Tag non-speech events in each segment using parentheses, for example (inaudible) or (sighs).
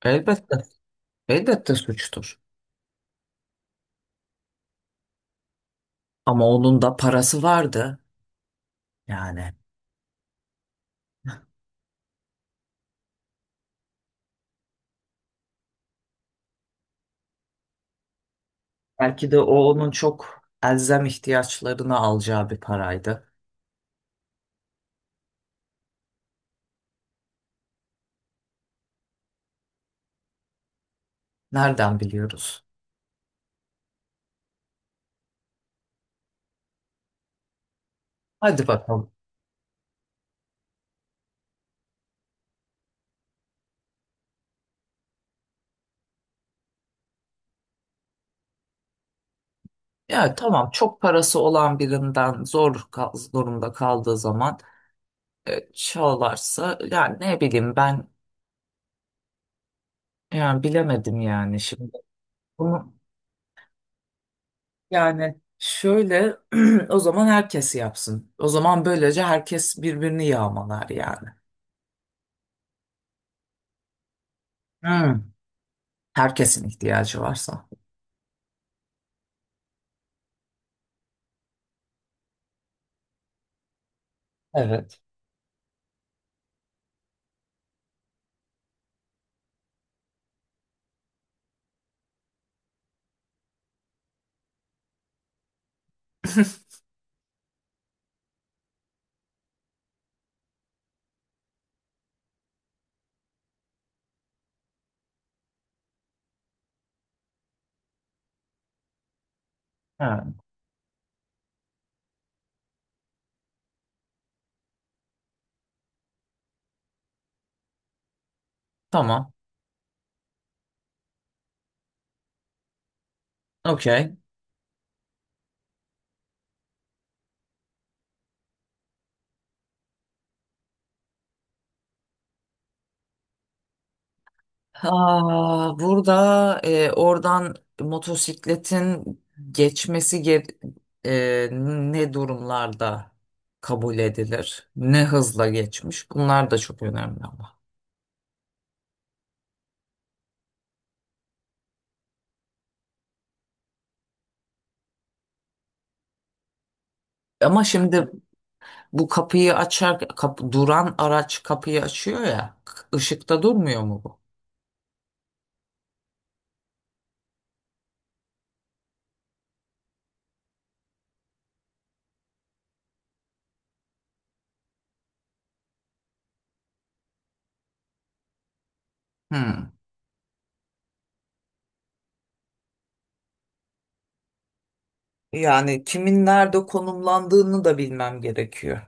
Elbette, elbette suçtur. Ama onun da parası vardı yani. Belki de o onun çok elzem ihtiyaçlarını alacağı bir paraydı. Nereden biliyoruz? Hadi bakalım. Ya tamam çok parası olan birinden zor durumda kaldığı zaman çalarsa yani ne bileyim ben yani bilemedim yani şimdi. Bunu yani şöyle (clears throat) o zaman herkes yapsın. O zaman böylece herkes birbirini yağmalar yani. Hmm. Herkesin ihtiyacı varsa. Evet. (laughs) Ha, tamam. Okey. Aa, burada oradan motosikletin geçmesi ge- e, ne durumlarda kabul edilir? Ne hızla geçmiş? Bunlar da çok önemli ama. Ama şimdi bu kapıyı açar, duran araç kapıyı açıyor ya. Işıkta durmuyor mu bu? Hmm. Yani kimin nerede konumlandığını da bilmem gerekiyor.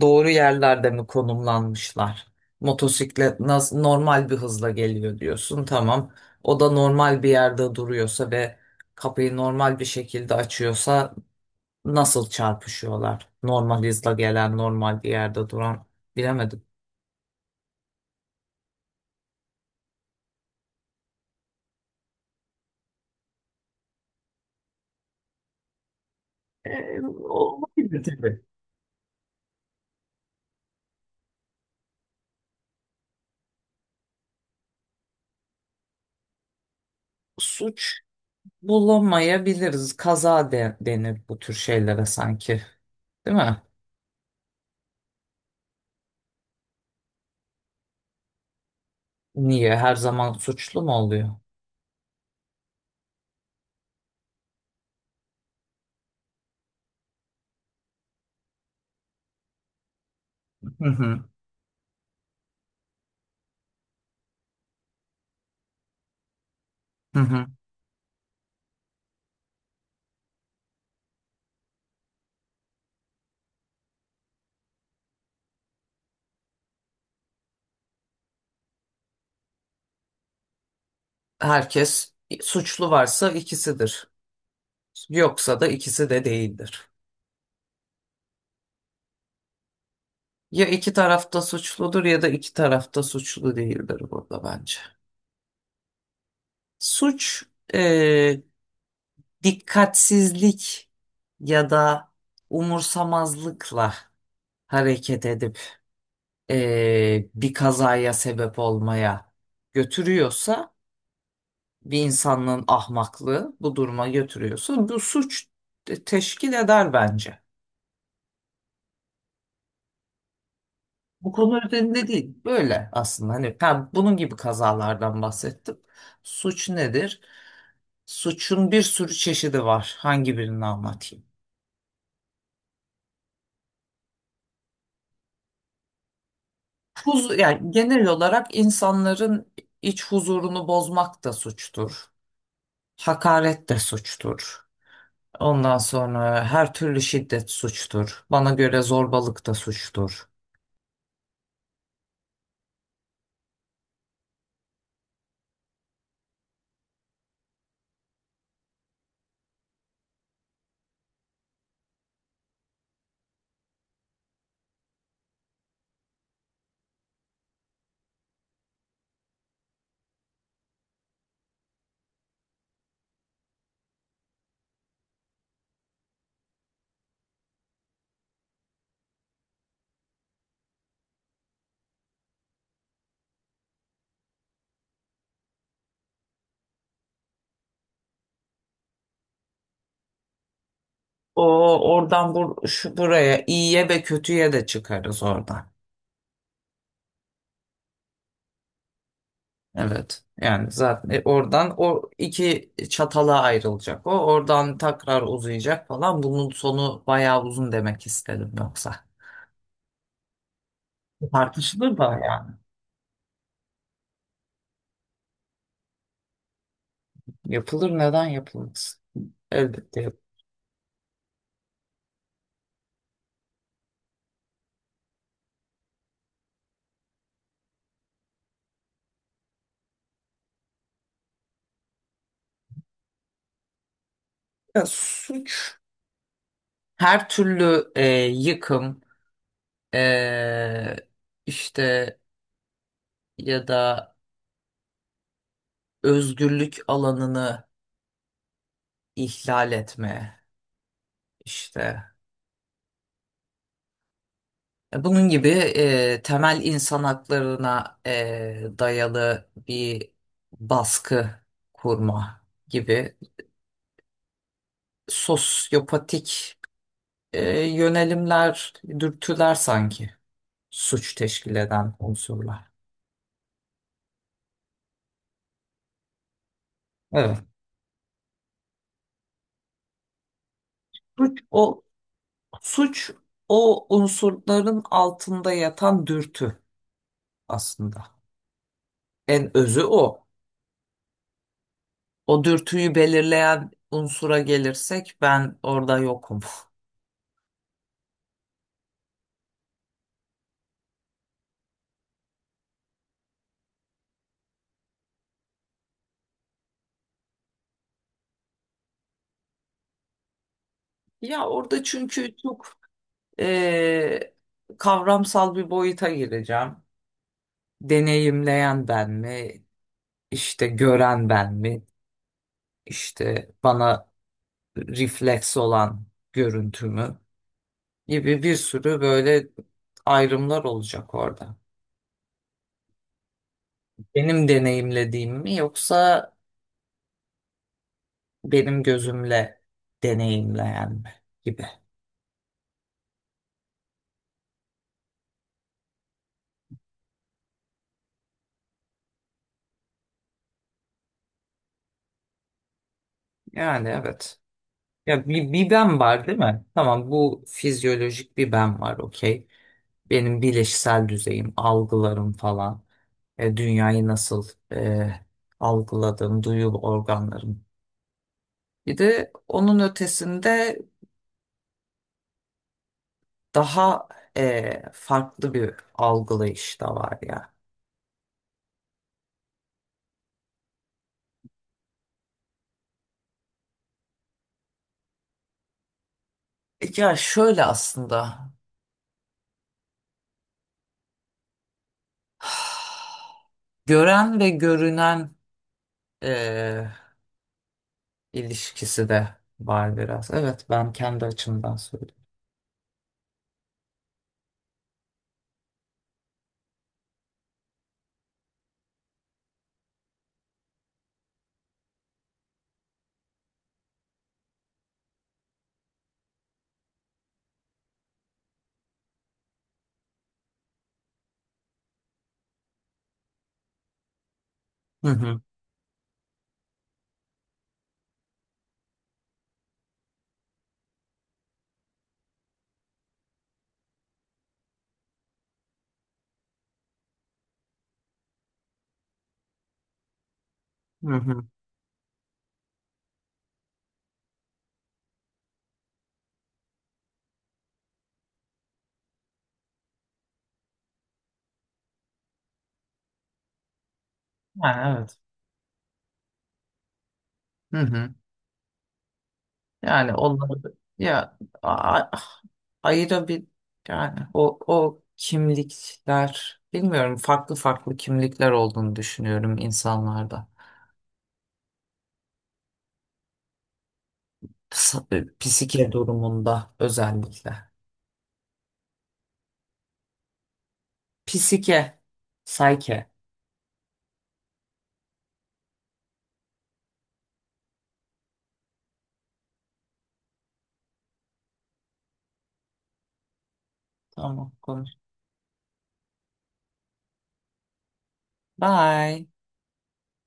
Doğru yerlerde mi konumlanmışlar? Motosiklet nasıl normal bir hızla geliyor diyorsun. Tamam. O da normal bir yerde duruyorsa ve kapıyı normal bir şekilde açıyorsa nasıl çarpışıyorlar? Normal hızla gelen, normal bir yerde duran bilemedim. E, Olabilir tabii. Suç bulamayabiliriz. Kaza denir bu tür şeylere sanki. Değil mi? Niye? Her zaman suçlu mu oluyor? Hı hı. Hı hı. Herkes suçlu varsa ikisidir. Yoksa da ikisi de değildir. Ya iki tarafta suçludur ya da iki tarafta suçlu değildir burada bence. Suç e, dikkatsizlik ya da umursamazlıkla hareket edip bir kazaya sebep olmaya götürüyorsa bir insanlığın ahmaklığı bu duruma götürüyorsa bu suç teşkil eder bence. Bu konu üzerinde değil. Böyle aslında hani ben bunun gibi kazalardan bahsettim. Suç nedir? Suçun bir sürü çeşidi var. Hangi birini anlatayım? Huzur, yani genel olarak insanların iç huzurunu bozmak da suçtur. Hakaret de suçtur. Ondan sonra her türlü şiddet suçtur. Bana göre zorbalık da suçtur. O Oradan bur şu buraya iyiye ve kötüye de çıkarız oradan. Evet. Yani zaten oradan o iki çatala ayrılacak. O oradan tekrar uzayacak falan. Bunun sonu bayağı uzun demek istedim yoksa. Tartışılır da yani. Yapılır neden yapılmaz? Elbette yapılır. Ya, suç her türlü yıkım e, işte ya da özgürlük alanını ihlal etme işte. Bunun gibi temel insan haklarına dayalı bir baskı kurma gibi sosyopatik yönelimler, dürtüler sanki suç teşkil eden unsurlar. Evet. Suç suç o unsurların altında yatan dürtü aslında. En özü o. O dürtüyü belirleyen unsura gelirsek ben orada yokum. (laughs) Ya orada çünkü çok Ee, kavramsal bir boyuta gireceğim. Deneyimleyen ben mi? İşte gören ben mi? İşte bana refleks olan görüntü mü? Gibi bir sürü böyle ayrımlar olacak orada. Benim deneyimlediğim mi yoksa benim gözümle deneyimleyen mi? Gibi. Yani evet. Ya bir ben var değil mi? Tamam bu fizyolojik bir ben var okey. Benim bileşsel düzeyim, algılarım falan. Dünyayı nasıl algıladığım, duyu organlarım. Bir de onun ötesinde daha farklı bir algılayış da var ya. Ya şöyle aslında (sighs) gören ve görünen e, ilişkisi de var biraz. Evet ben kendi açımdan söylüyorum. Hı hı. Hı hı. Yani evet. Hı hı. Yani onları ayrı bir yani o kimlikler bilmiyorum farklı farklı kimlikler olduğunu düşünüyorum insanlarda. Psike durumunda özellikle. Psike. Sayke. Tamam konuş. Bye.